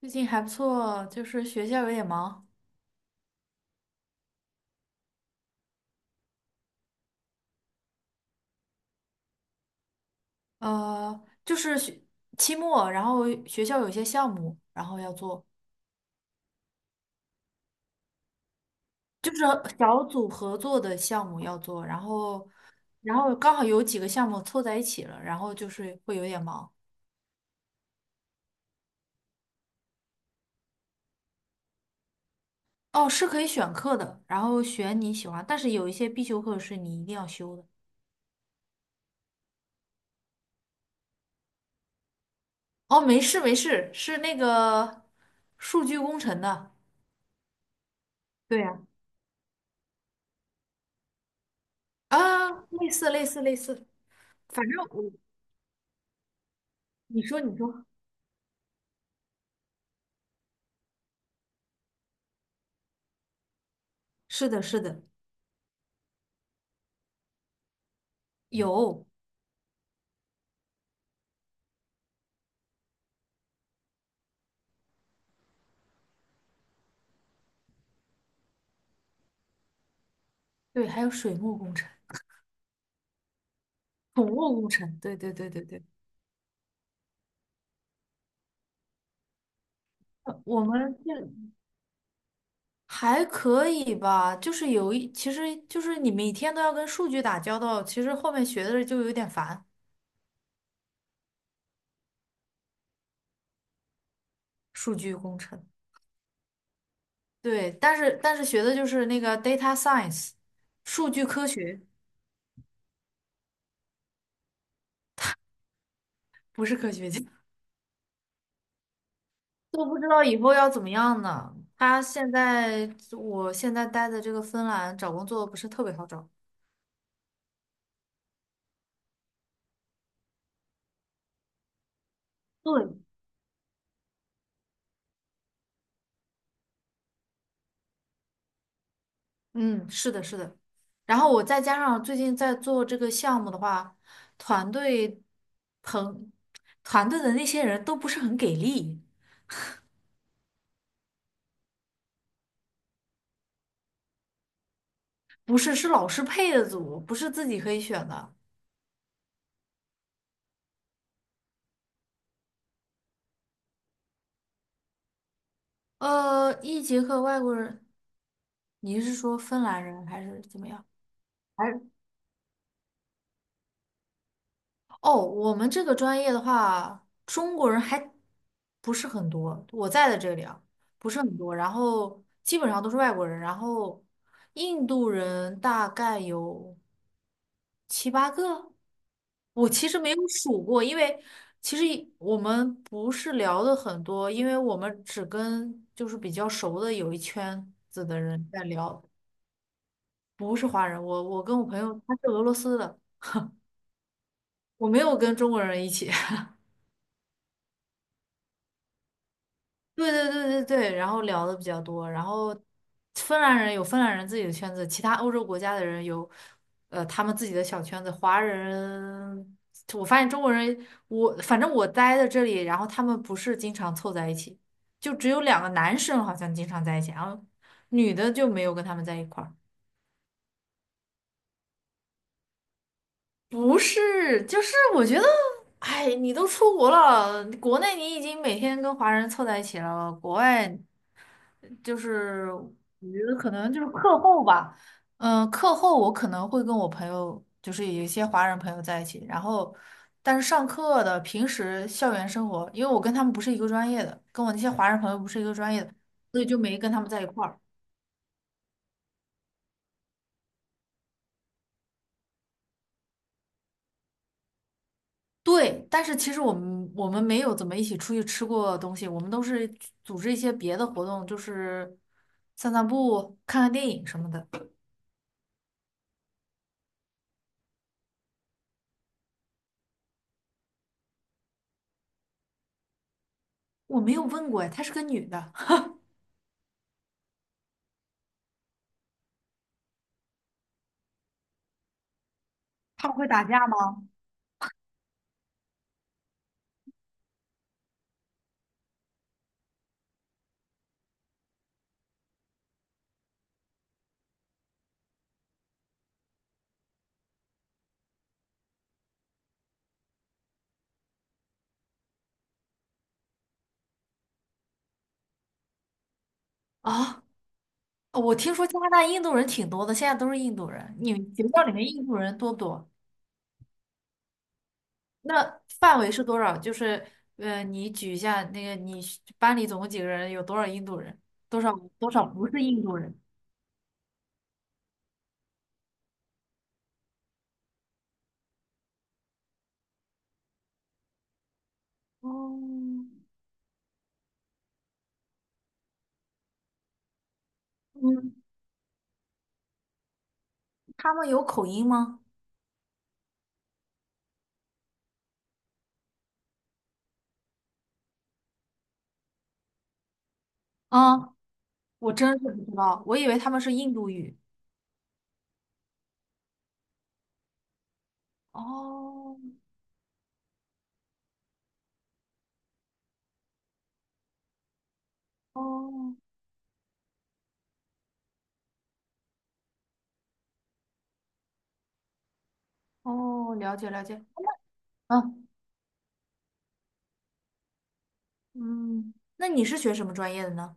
最近还不错，就是学校有点忙，就是学期末，然后学校有一些项目，然后要做，就是小组合作的项目要做，然后刚好有几个项目凑在一起了，然后就是会有点忙。哦，是可以选课的，然后选你喜欢，但是有一些必修课是你一定要修的。哦，没事没事，是那个数据工程的。对呀。啊，类似类似类似，反正我，你说你说，是的，是的，有，对，还有水木工程、土木工程，对对对对对，我们这还可以吧，就是其实就是你每天都要跟数据打交道，其实后面学的就有点烦，数据工程，对，但是学的就是那个 data science，数据科学，不是科学家，都不知道以后要怎么样呢。他现在，我现在待的这个芬兰找工作不是特别好找。对，嗯，是的，是的。然后我再加上最近在做这个项目的话，团队朋团队的那些人都不是很给力，不是是老师配的组，不是自己可以选的。一节课外国人，你是说芬兰人还是怎么样？还是哦，我们这个专业的话，中国人还不是很多，我在的这里啊，不是很多，然后基本上都是外国人，然后印度人大概有。七八个。我其实没有数过，因为其实我们不是聊的很多，因为我们只跟就是比较熟的有一圈子的人在聊，不是华人。我跟我朋友他是俄罗斯的，我没有跟中国人一起。对对对对对，然后聊的比较多，然后芬兰人有芬兰人自己的圈子，其他欧洲国家的人有，他们自己的小圈子。华人，我发现中国人，反正我待在这里，然后他们不是经常凑在一起，就只有两个男生好像经常在一起，然后女的就没有跟他们在一块儿。不是，就是我觉得，哎，你都出国了，国内你已经每天跟华人凑在一起了，国外。就是我觉得可能就是课后吧，嗯，课后我可能会跟我朋友，就是有一些华人朋友在一起，然后但是上课的平时校园生活，因为我跟他们不是一个专业的，跟我那些华人朋友不是一个专业的，所以就没跟他们在一块儿。对，但是其实我们没有怎么一起出去吃过东西，我们都是组织一些别的活动，就是散散步、看看电影什么的。我没有问过哎，她是个女的，他们会打架吗？啊、我听说加拿大印度人挺多的，现在都是印度人。你们学校里面印度人多不多？那范围是多少？就是，你举一下那个你是班里总共几个人，有多少印度人？多少多少不是印度人？哦，嗯，他们有口音吗？啊，我真是不知道，我以为他们是印度语。哦哦哦，了解了解。嗯嗯，那你是学什么专业的呢？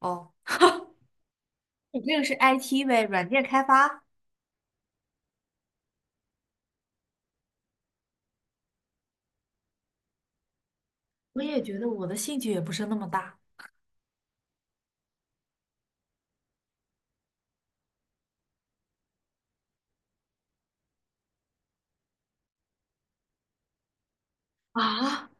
哦，你这个是 IT 呗，软件开发。我也觉得我的兴趣也不是那么大。啊，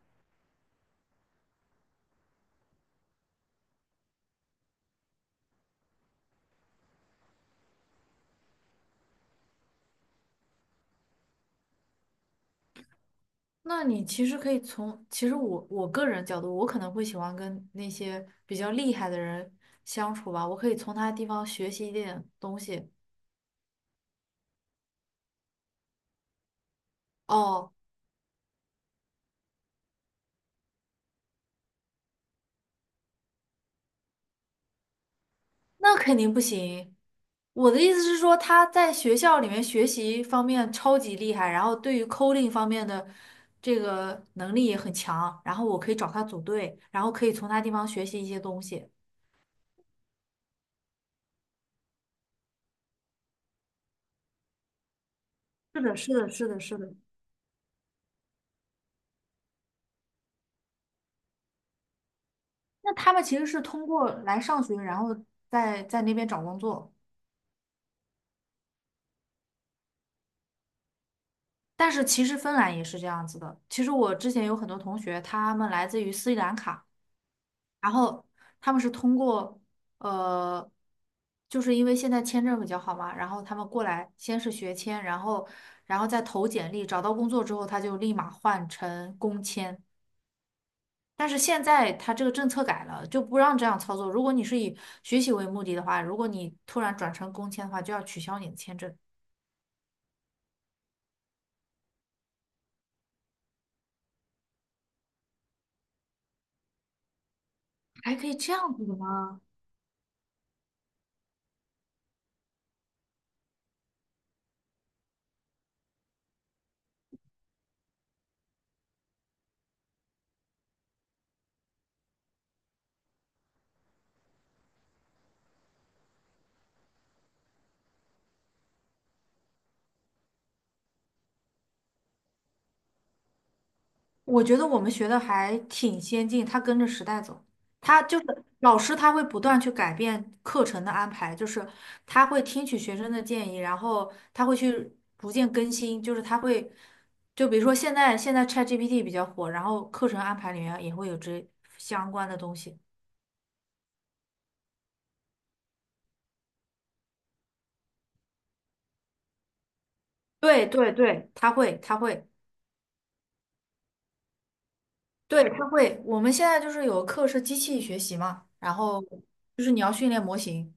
那你其实可以其实我个人角度，我可能会喜欢跟那些比较厉害的人相处吧，我可以从他的地方学习一点东西。哦，那肯定不行。我的意思是说，他在学校里面学习方面超级厉害，然后对于 coding 方面的这个能力也很强，然后我可以找他组队，然后可以从他地方学习一些东西。是的，是的，是的，是的。那他们其实是通过来上学，然后在那边找工作。但是其实芬兰也是这样子的。其实我之前有很多同学，他们来自于斯里兰卡，然后他们是通过呃，就是因为现在签证比较好嘛，然后他们过来先是学签，然后再投简历，找到工作之后他就立马换成工签。但是现在他这个政策改了，就不让这样操作。如果你是以学习为目的的话，如果你突然转成工签的话，就要取消你的签证。还可以这样子的吗？我觉得我们学的还挺先进，它跟着时代走。它就是老师，他会不断去改变课程的安排，就是他会听取学生的建议，然后他会去逐渐更新，就是他会，就比如说现在 ChatGPT 比较火，然后课程安排里面也会有这相关的东西。对对对，他会他会，对他会。我们现在就是有课是机器学习嘛，然后就是你要训练模型。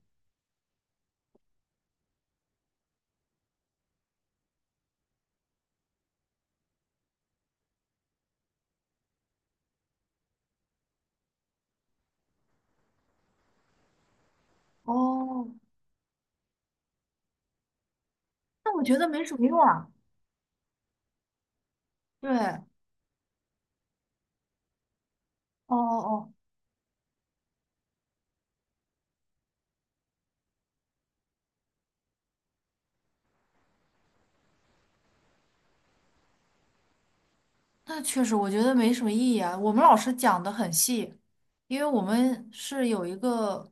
哦，那我觉得没什么用啊。对，哦哦哦，那确实我觉得没什么意义啊。我们老师讲的很细，因为我们是有一个，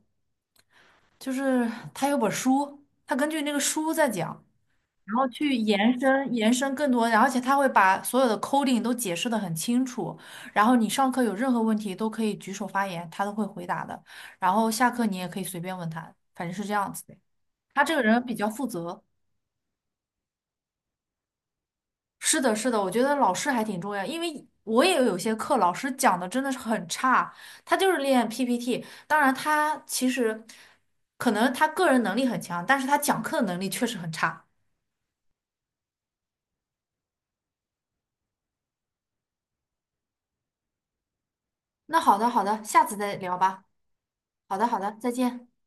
就是他有本书，他根据那个书在讲，然后去延伸延伸更多，然后而且他会把所有的 coding 都解释的很清楚，然后你上课有任何问题都可以举手发言，他都会回答的，然后下课你也可以随便问他，反正是这样子的。他这个人比较负责。是的，是的，我觉得老师还挺重要，因为我也有些课老师讲的真的是很差，他就是练 PPT，当然他其实可能他个人能力很强，但是他讲课的能力确实很差。那好的，好的，下次再聊吧。好的，好的，再见。